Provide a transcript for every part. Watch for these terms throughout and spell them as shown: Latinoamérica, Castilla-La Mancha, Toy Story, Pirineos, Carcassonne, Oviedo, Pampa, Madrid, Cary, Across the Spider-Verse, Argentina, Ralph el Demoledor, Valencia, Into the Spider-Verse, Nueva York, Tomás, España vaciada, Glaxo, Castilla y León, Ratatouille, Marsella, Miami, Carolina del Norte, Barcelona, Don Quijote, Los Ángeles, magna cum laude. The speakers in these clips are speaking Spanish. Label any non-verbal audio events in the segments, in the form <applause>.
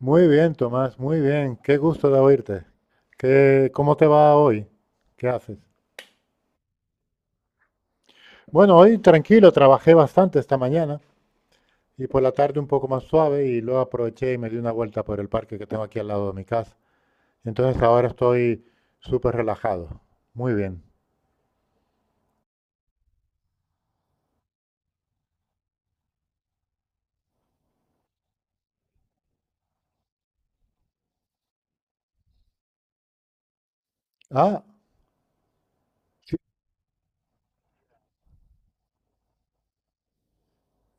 Muy bien, Tomás, muy bien. Qué gusto de oírte. ¿Cómo te va hoy? ¿Qué haces? Bueno, hoy tranquilo, trabajé bastante esta mañana y por la tarde un poco más suave y luego aproveché y me di una vuelta por el parque que tengo aquí al lado de mi casa. Entonces ahora estoy súper relajado. Muy bien. Ah, sí,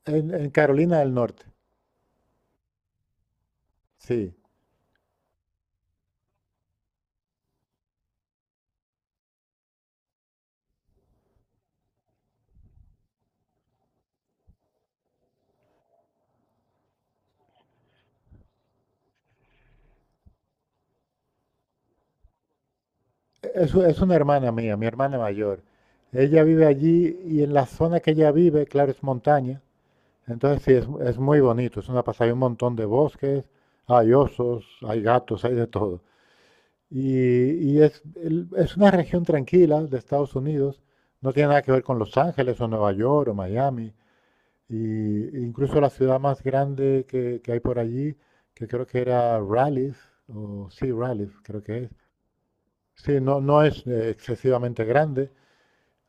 en Carolina del Norte. Sí. Es una hermana mía, mi hermana mayor. Ella vive allí y en la zona que ella vive, claro, es montaña. Entonces sí, es muy bonito, es una pasada, hay un montón de bosques, hay osos, hay gatos, hay de todo. Es una región tranquila de Estados Unidos, no tiene nada que ver con Los Ángeles o Nueva York o Miami, y incluso la ciudad más grande que hay por allí, que creo que era Raleigh, o sí, Raleigh, creo que es. Sí, no, no es excesivamente grande.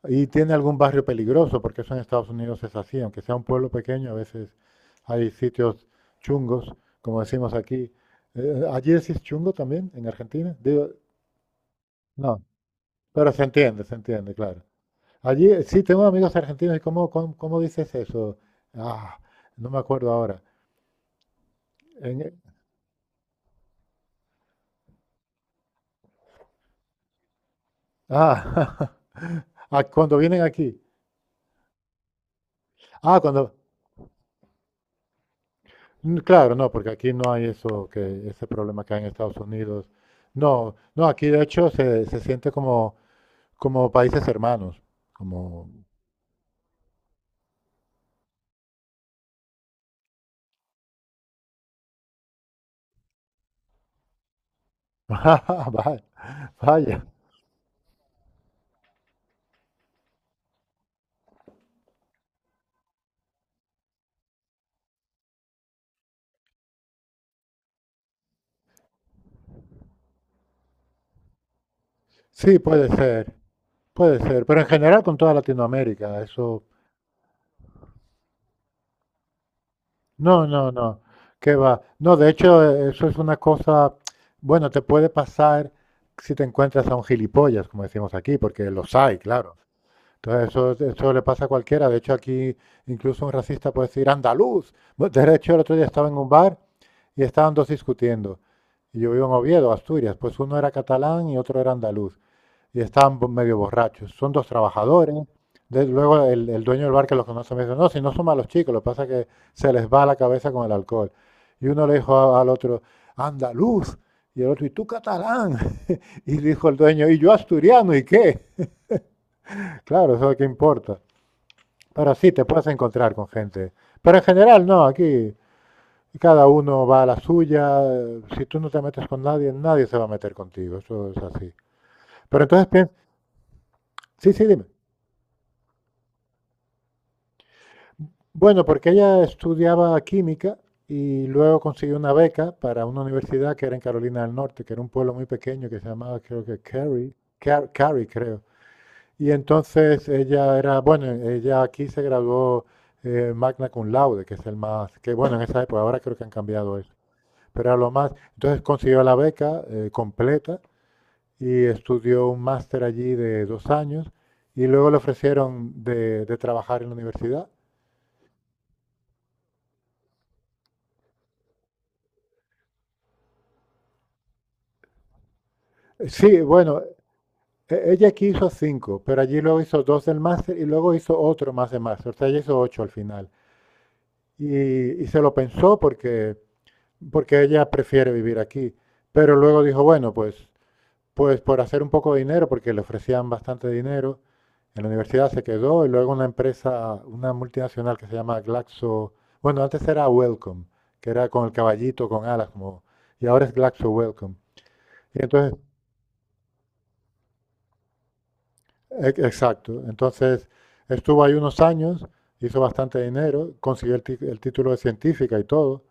¿Y tiene algún barrio peligroso? Porque eso en Estados Unidos es así, aunque sea un pueblo pequeño, a veces hay sitios chungos, como decimos aquí. ¿Allí decís chungo también en Argentina? Digo, no, pero se entiende, claro. Allí, sí, tengo amigos argentinos. ¿Y cómo dices eso? Ah, no me acuerdo ahora. En- ah, <laughs> ah, cuando vienen aquí. Ah, cuando, mm, claro, no, porque aquí no hay eso que ese problema que hay en Estados Unidos. No, no, aquí de hecho se siente como países hermanos, como <laughs> ah, vaya, vaya. Sí, puede ser, pero en general con toda Latinoamérica, eso, no, no, no, qué va. No, de hecho eso es una cosa, bueno, te puede pasar si te encuentras a un gilipollas, como decimos aquí, porque los hay, claro. Entonces eso le pasa a cualquiera. De hecho, aquí incluso un racista puede decir andaluz. Bueno, de hecho, el otro día estaba en un bar y estaban dos discutiendo. Y yo vivo en Oviedo, Asturias. Pues uno era catalán y otro era andaluz. Y estaban medio borrachos. Son dos trabajadores. Luego el dueño del bar que los conoce me dice, no, si no son malos chicos, lo que pasa es que se les va la cabeza con el alcohol. Y uno le dijo al otro, andaluz. Y el otro, ¿y tú catalán? <laughs> Y dijo el dueño, ¿y yo asturiano? ¿Y qué? Claro, eso es lo que importa. Pero sí, te puedes encontrar con gente. Pero en general no, aquí cada uno va a la suya. Si tú no te metes con nadie, nadie se va a meter contigo. Eso es así. Pero entonces piensa, sí, sí, dime. Bueno, porque ella estudiaba química y luego consiguió una beca para una universidad que era en Carolina del Norte, que era un pueblo muy pequeño que se llamaba, creo que Cary, Cary, creo. Y entonces ella era, bueno, ella aquí se graduó magna cum laude, que es el más, que bueno, en esa época, ahora creo que han cambiado eso. Pero era lo más. Entonces consiguió la beca completa y estudió un máster allí de 2 años y luego le ofrecieron de trabajar en la universidad. Sí, bueno, ella aquí hizo cinco, pero allí luego hizo dos del máster y luego hizo otro más de máster, o sea, ella hizo ocho al final. Y se lo pensó porque ella prefiere vivir aquí, pero luego dijo, bueno, pues por hacer un poco de dinero, porque le ofrecían bastante dinero. En la universidad se quedó y luego una empresa, una multinacional que se llama Glaxo, bueno, antes era Wellcome, que era con el caballito, con alas, como, y ahora es Glaxo Wellcome. Y entonces, exacto, entonces estuvo ahí unos años, hizo bastante dinero, consiguió el título de científica y todo,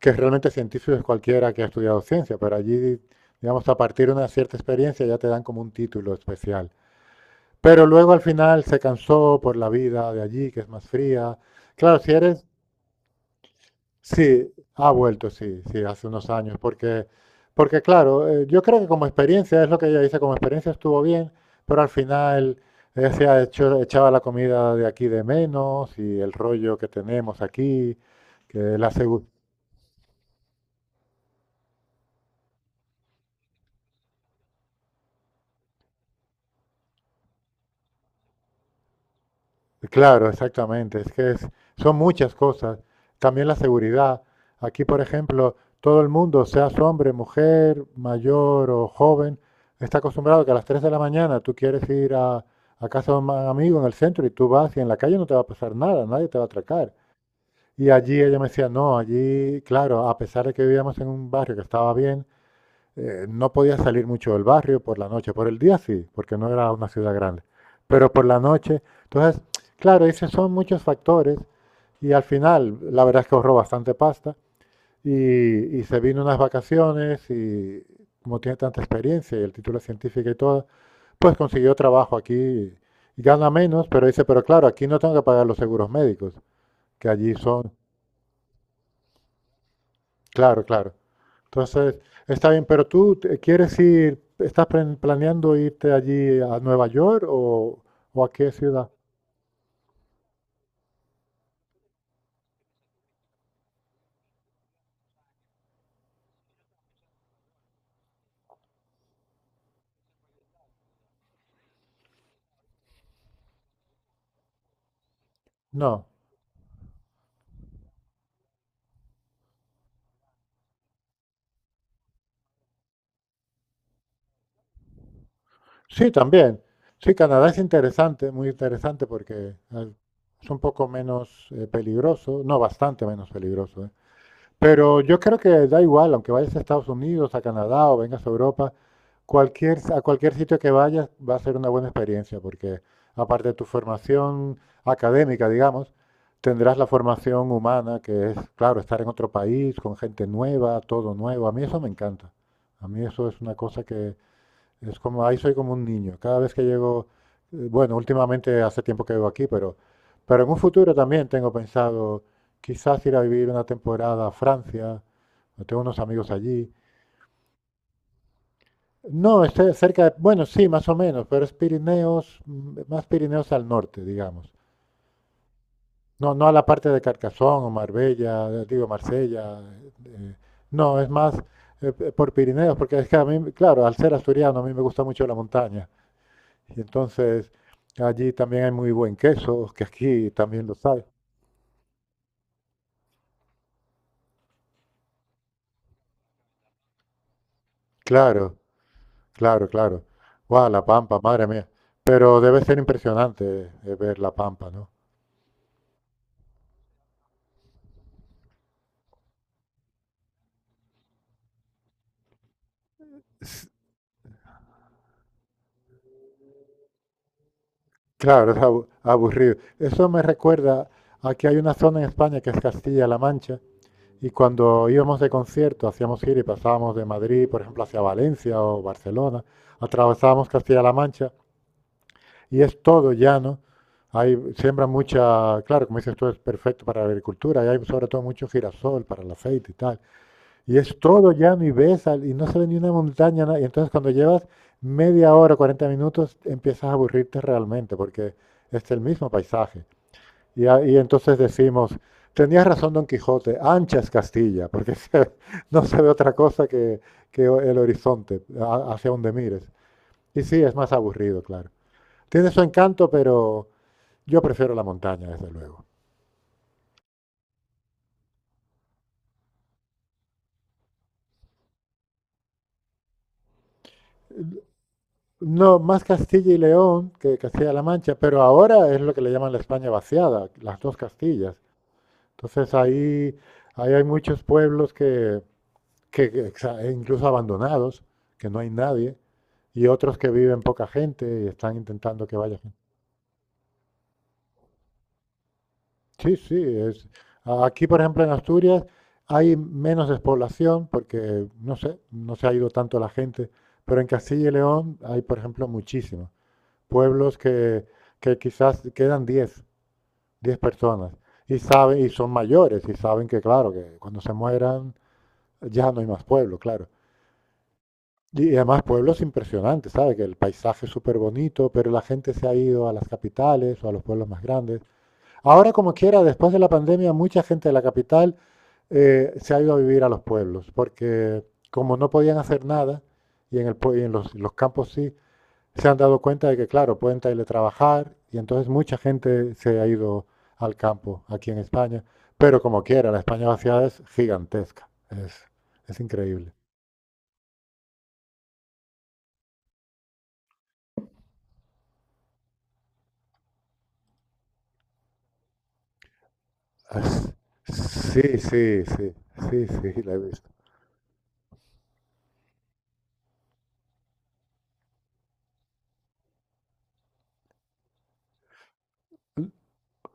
que realmente científico es cualquiera que ha estudiado ciencia, pero allí, digamos, a partir de una cierta experiencia ya te dan como un título especial. Pero luego al final se cansó por la vida de allí, que es más fría. Claro, si eres, sí, ha vuelto, sí, sí, hace unos años, porque claro, yo creo que como experiencia, es lo que ella dice, como experiencia estuvo bien, pero al final ella se ha hecho, echaba la comida de aquí de menos y el rollo que tenemos aquí, que la, segu- claro, exactamente. Es que son muchas cosas. También la seguridad. Aquí, por ejemplo, todo el mundo, seas hombre, mujer, mayor o joven, está acostumbrado que a las 3 de la mañana tú quieres ir a casa de un amigo en el centro y tú vas y en la calle no te va a pasar nada, nadie te va a atracar. Y allí ella me decía, no, allí, claro, a pesar de que vivíamos en un barrio que estaba bien, no podía salir mucho del barrio por la noche. Por el día sí, porque no era una ciudad grande. Pero por la noche, entonces, claro, dice, son muchos factores y al final, la verdad es que ahorró bastante pasta y, y se vino unas vacaciones y como tiene tanta experiencia y el título científico y todo, pues consiguió trabajo aquí y gana menos, pero dice, pero claro, aquí no tengo que pagar los seguros médicos, que allí son, claro, claro. Entonces, está bien, pero tú quieres ir, estás planeando irte allí a Nueva York o ¿a qué ciudad? No. Sí, también. Sí, Canadá es interesante, muy interesante porque eh, es un poco menos peligroso, no, bastante menos peligroso, ¿eh? Pero yo creo que da igual, aunque vayas a Estados Unidos, a Canadá o vengas a Europa, a cualquier sitio que vayas va a ser una buena experiencia, porque aparte de tu formación académica, digamos, tendrás la formación humana, que es, claro, estar en otro país, con gente nueva, todo nuevo. A mí eso me encanta. A mí eso es una cosa que, es como, ahí soy como un niño. Cada vez que llego, bueno, últimamente hace tiempo que vivo aquí, pero en un futuro también tengo pensado quizás ir a vivir una temporada a Francia. Tengo unos amigos allí. No, esté cerca de, bueno, sí, más o menos, pero es Pirineos, mm, más Pirineos al norte, digamos. No, no a la parte de Carcassonne o Marbella, digo Marsella. eh, no, es más por Pirineos, porque es que a mí, claro, al ser asturiano, a mí me gusta mucho la montaña. Y entonces allí también hay muy buen queso, que aquí también lo hay. Claro, claro, claro. Guau, la Pampa, madre mía. Pero debe ser impresionante ver la Pampa, ¿no? Claro, es aburrido. Eso me recuerda a que hay una zona en España que es Castilla-La Mancha y cuando íbamos de concierto, hacíamos gira y pasábamos de Madrid, por ejemplo, hacia Valencia o Barcelona, atravesábamos Castilla-La Mancha. Y es todo llano. Hay, siembra mucha, claro, como dices tú, es perfecto para la agricultura. Y hay sobre todo mucho girasol para el aceite y tal. Y es todo llano y ves y no se ve ni una montaña. Y entonces cuando llevas media hora, 40 minutos, empiezas a aburrirte realmente porque es el mismo paisaje. Y entonces decimos, tenías razón Don Quijote, ancha es Castilla, porque <laughs> no se ve otra cosa que el horizonte, hacia donde mires. Y sí, es más aburrido, claro. Tiene su encanto, pero yo prefiero la montaña, desde luego. No, más Castilla y León que Castilla-La Mancha, pero ahora es lo que le llaman la España vaciada, las dos Castillas. Entonces ahí hay muchos pueblos que incluso abandonados, que no hay nadie, y otros que viven poca gente y están intentando que vaya gente. Sí, sí, aquí por ejemplo en Asturias hay menos despoblación porque, no sé, no se ha ido tanto la gente, pero en Castilla y León hay por ejemplo muchísimo pueblos que quizás quedan 10 personas y saben, y son mayores y saben que, claro, que cuando se mueran ya no hay más pueblo, claro. Y además pueblos impresionantes, ¿sabes? Que el paisaje es súper bonito, pero la gente se ha ido a las capitales o a los pueblos más grandes. Ahora, como quiera, después de la pandemia, mucha gente de la capital se ha ido a vivir a los pueblos, porque como no podían hacer nada, y en los campos sí, se han dado cuenta de que, claro, pueden teletrabajar y entonces mucha gente se ha ido al campo aquí en España. Pero como quiera, la España vaciada es gigantesca. Es increíble. <laughs> Sí, sí, sí, sí, sí, la he visto.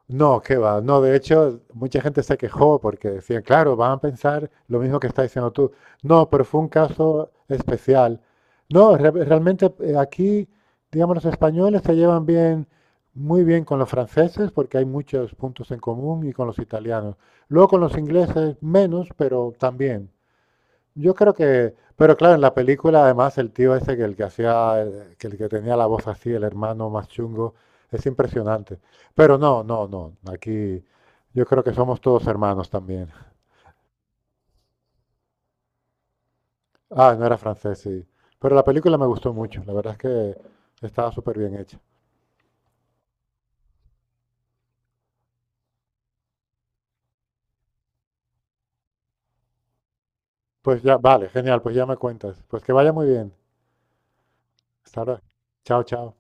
No, qué va. No, de hecho, mucha gente se quejó porque decían, claro, van a pensar lo mismo que está diciendo tú. No, pero fue un caso especial. No, realmente aquí, digamos, los españoles se llevan bien, muy bien con los franceses porque hay muchos puntos en común y con los italianos. Luego con los ingleses menos, pero también. Yo creo que, pero claro, en la película además el tío ese que el que hacía, que el que tenía la voz así, el hermano más chungo, es impresionante. Pero no, no, no, aquí yo creo que somos todos hermanos también. Ah, no era francés, sí. Pero la película me gustó mucho, la verdad es que estaba súper bien hecha. Pues ya, vale, genial, pues ya me cuentas. Pues que vaya muy bien. Hasta ahora. Chao, chao.